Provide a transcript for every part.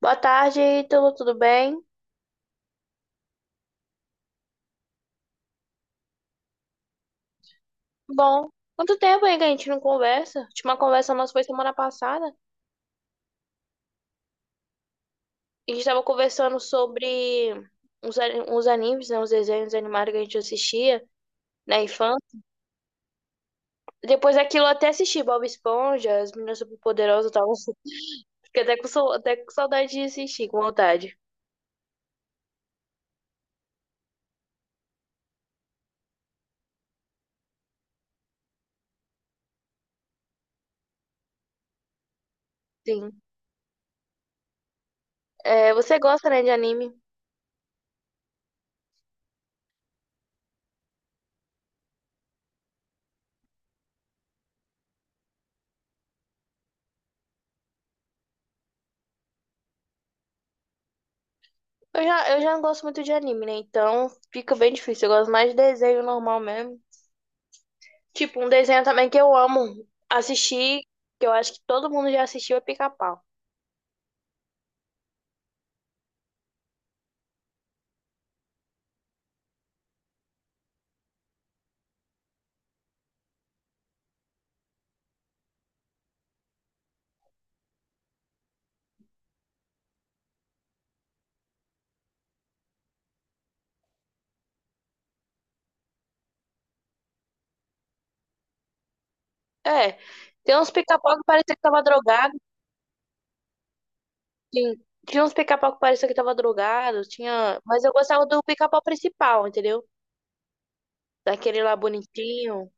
Boa tarde, Ítalo, tudo bem? Bom, quanto tempo aí que a gente não conversa? A última conversa nossa foi semana passada. A gente estava conversando sobre uns animes, né? Os desenhos animados que a gente assistia na infância. Depois daquilo eu até assisti Bob Esponja, As Meninas Superpoderosas e tal. Fiquei até até com saudade de assistir, com vontade. Sim. É, você gosta, né, de anime? Eu já não gosto muito de anime, né? Então fica bem difícil. Eu gosto mais de desenho normal mesmo. Tipo, um desenho também que eu amo assistir, que eu acho que todo mundo já assistiu, é Pica-Pau. É, tem uns Pica-Pau que parecia que tava drogado, sim. Tinha uns Pica-Pau que parecia que tava drogado, tinha... Mas eu gostava do Pica-Pau principal, entendeu? Daquele lá bonitinho,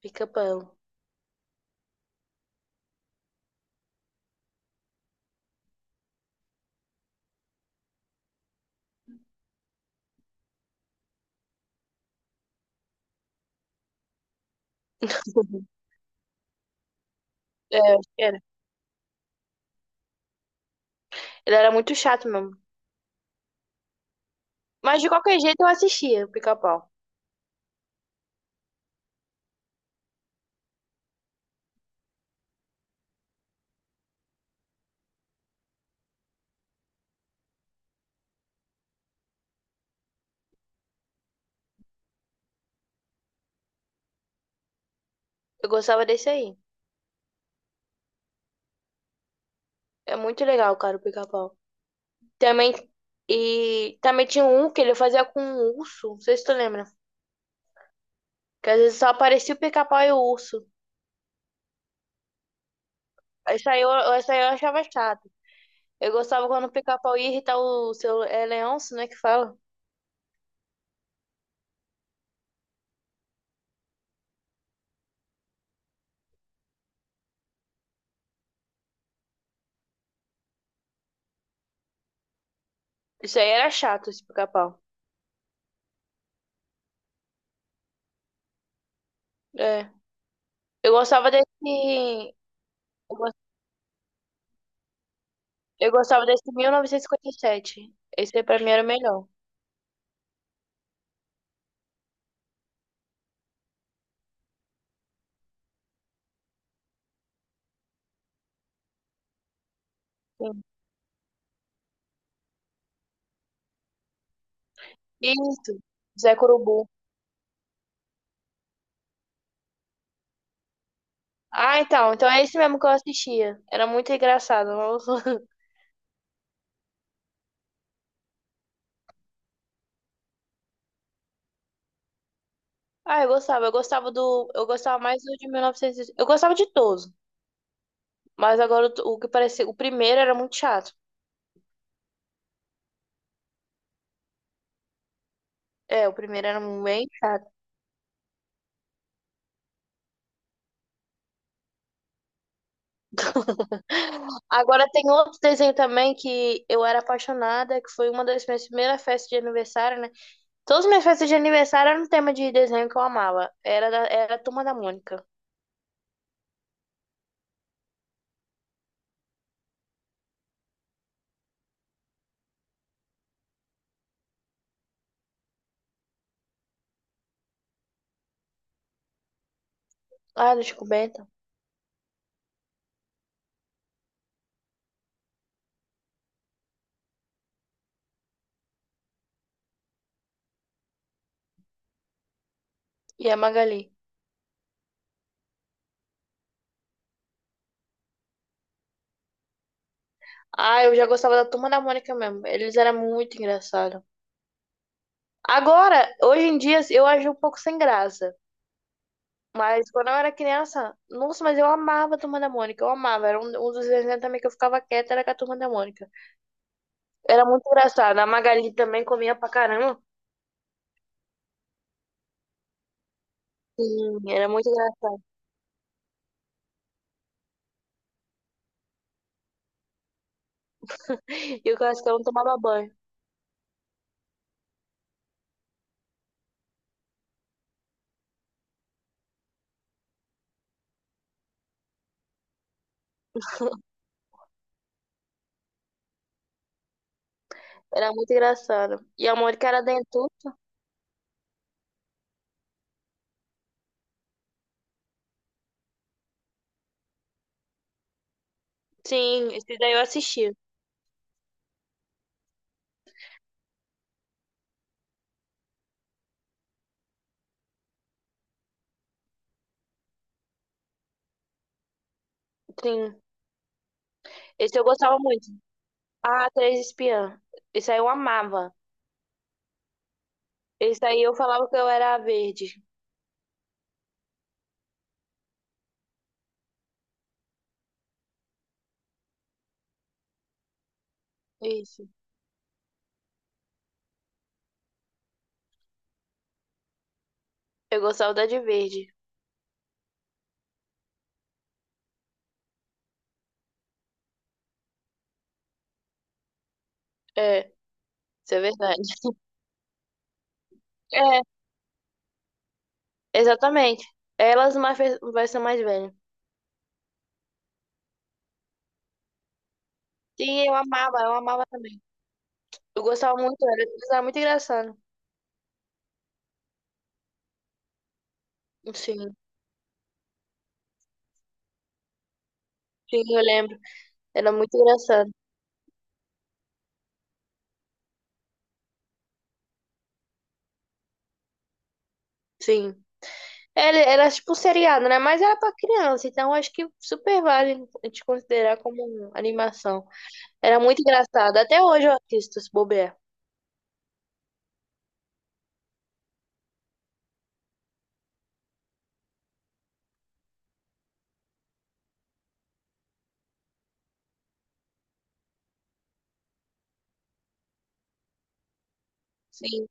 Pica-Pau. É, acho que era. Ele era muito chato mesmo. Mas de qualquer jeito eu assistia o Pica-Pau. Eu gostava desse aí. É muito legal, cara, o Pica-Pau. Também... E também tinha um que ele fazia com um urso, não sei se tu lembra. Que às vezes só aparecia o pica-pau e o urso. Isso aí eu, isso aí eu achava chato. Eu gostava quando o pica-pau ia irritar o seu. É leonço, né? Que fala. Isso aí era chato, esse pica-pau. É. Eu gostava desse. Eu gos- eu gostava desse 1957. Esse aí pra mim era o melhor. Sim. Isso. Zé Curubu. Ah, então. Então é esse mesmo que eu assistia. Era muito engraçado. Nossa. Ah, eu gostava. Eu gostava do. Eu gostava mais do de 1900. Eu gostava de todos. Mas agora o que parecia. O primeiro era muito chato. É, o primeiro era bem chato. Agora tem outro desenho também que eu era apaixonada, que foi uma das minhas primeiras festas de aniversário, né? Todas as minhas festas de aniversário eram um tema de desenho que eu amava. Era a Turma da Mônica. Ah, do Chico Bento e a Magali. Ah, eu já gostava da Turma da Mônica mesmo. Eles eram muito engraçados. Agora, hoje em dia, eu ajo um pouco sem graça. Mas quando eu era criança, nossa, mas eu amava a Turma da Mônica, eu amava. Era um dos desenhos também que eu ficava quieta, era com a Turma da Mônica. Era muito engraçado. A Magali também comia pra caramba. Sim, era muito engraçado. E o Cascão não tomava banho. Era muito engraçado. E a Mônica era dentuça. Sim, esse daí eu assisti. Sim, esse eu gostava muito. Ah, Três Espiãs. Esse aí eu amava. Esse aí eu falava que eu era a verde. Isso. Eu gostava da de verde. É, isso é verdade. É, exatamente. Elas mais fe- vai ser mais velha. Sim, eu amava também. Eu gostava muito, era, era muito engraçado. Sim. Sim, eu lembro. Era muito engraçado. Sim. Era, era tipo um seriado, né? Mas era pra criança, então acho que super vale a gente considerar como animação. Era muito engraçado. Até hoje eu assisto, se bobear. Sim.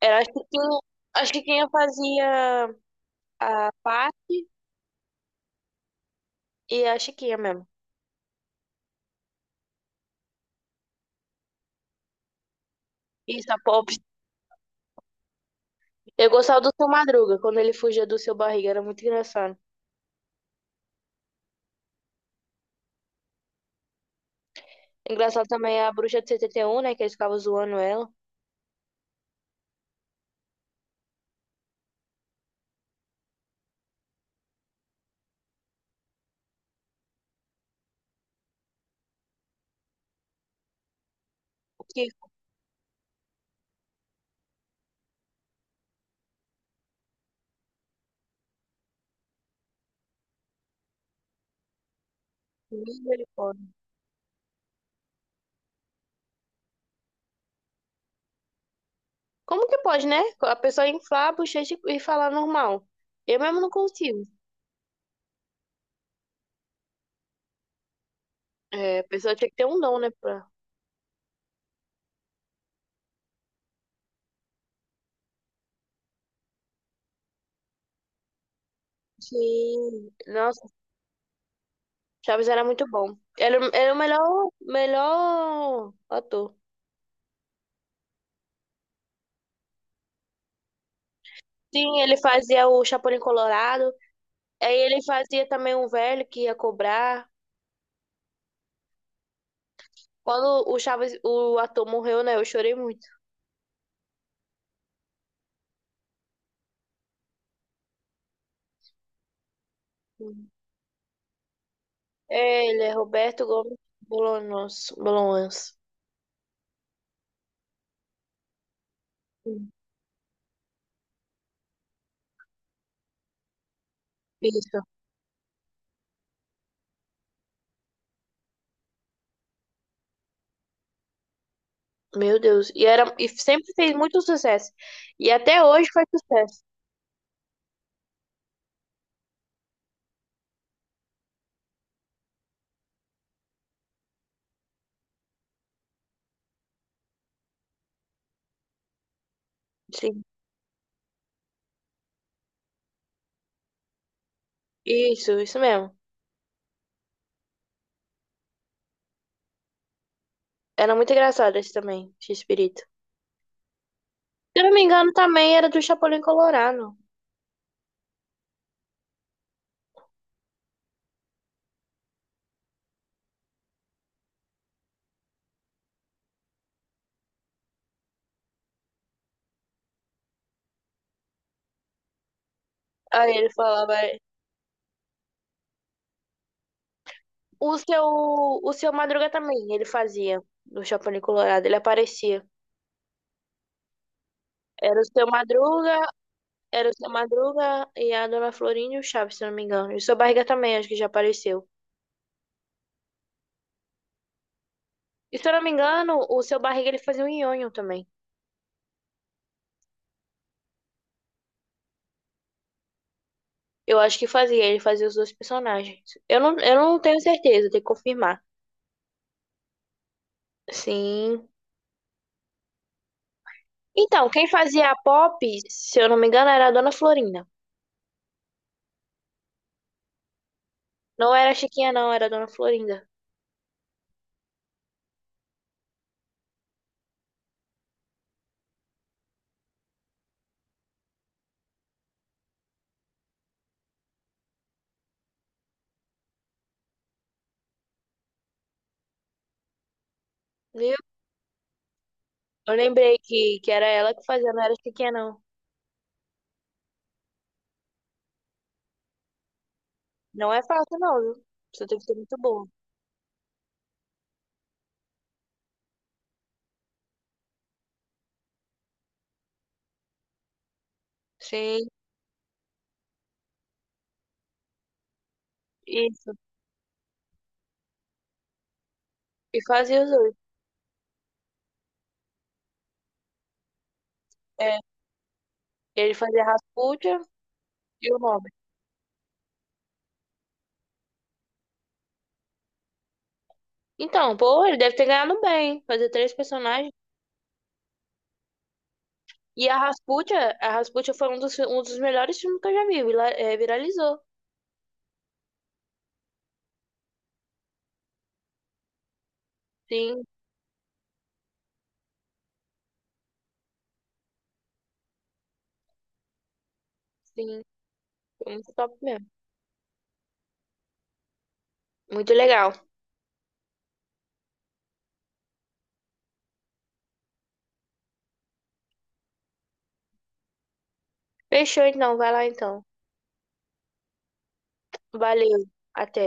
Era, acho que quem, a Chiquinha fazia a parte e a Chiquinha mesmo. Isso, a Pop. Eu gostava do seu Madruga, quando ele fugia do seu barriga, era muito engraçado. Engraçado também é a bruxa de 71 né? Que eles ficavam zoando ela. O que? Como que pode, né? A pessoa inflar a bochecha e falar normal. Eu mesmo não consigo. É, a pessoa tinha que ter um dom, né? Pra... Sim. Nossa, Chaves era muito bom. Era, era o melhor, melhor ator. Sim, ele fazia o Chapolin Colorado. Aí ele fazia também um velho que ia cobrar. Quando o Chaves, o ator morreu, né? Eu chorei muito. É, ele é Roberto Gomes Bolanos. Bolanos. Isso. Meu Deus. E, era, e sempre fez muito sucesso. E até hoje faz sucesso. Sim. Isso mesmo. Era muito engraçado esse também, X-Pirito. Se eu não me engano, também era do Chapolin Colorado. Aí ele falava. O seu, o seu Madruga também, ele fazia do Chapolin Colorado, ele aparecia. Era o seu Madruga, era o seu Madruga e a Dona Florinda e o Chaves, se eu não me engano. E o seu Barriga também, acho que já apareceu. E se eu não me engano, o seu Barriga ele fazia o Nhonho também. Eu acho que fazia, ele fazia os dois personagens. Eu não tenho certeza, tem que confirmar. Sim. Então, quem fazia a Pop, se eu não me engano, era a Dona Florinda. Não era a Chiquinha, não, era a Dona Florinda. Viu? Eu lembrei que era ela que fazia, não era a Chiquinha, não. Não é fácil, não, viu? Você tem que ser muito boa. Sim, isso. E fazia os dois. É, ele fazia a Rasputia e o Robin. Então, pô, ele deve ter ganhado bem. Fazer três personagens. E a Rasputia foi um um dos melhores filmes que eu já vi. Viralizou. Sim, sim. Foi muito top mesmo. Muito legal. Fechou então, vai lá então. Valeu. Até.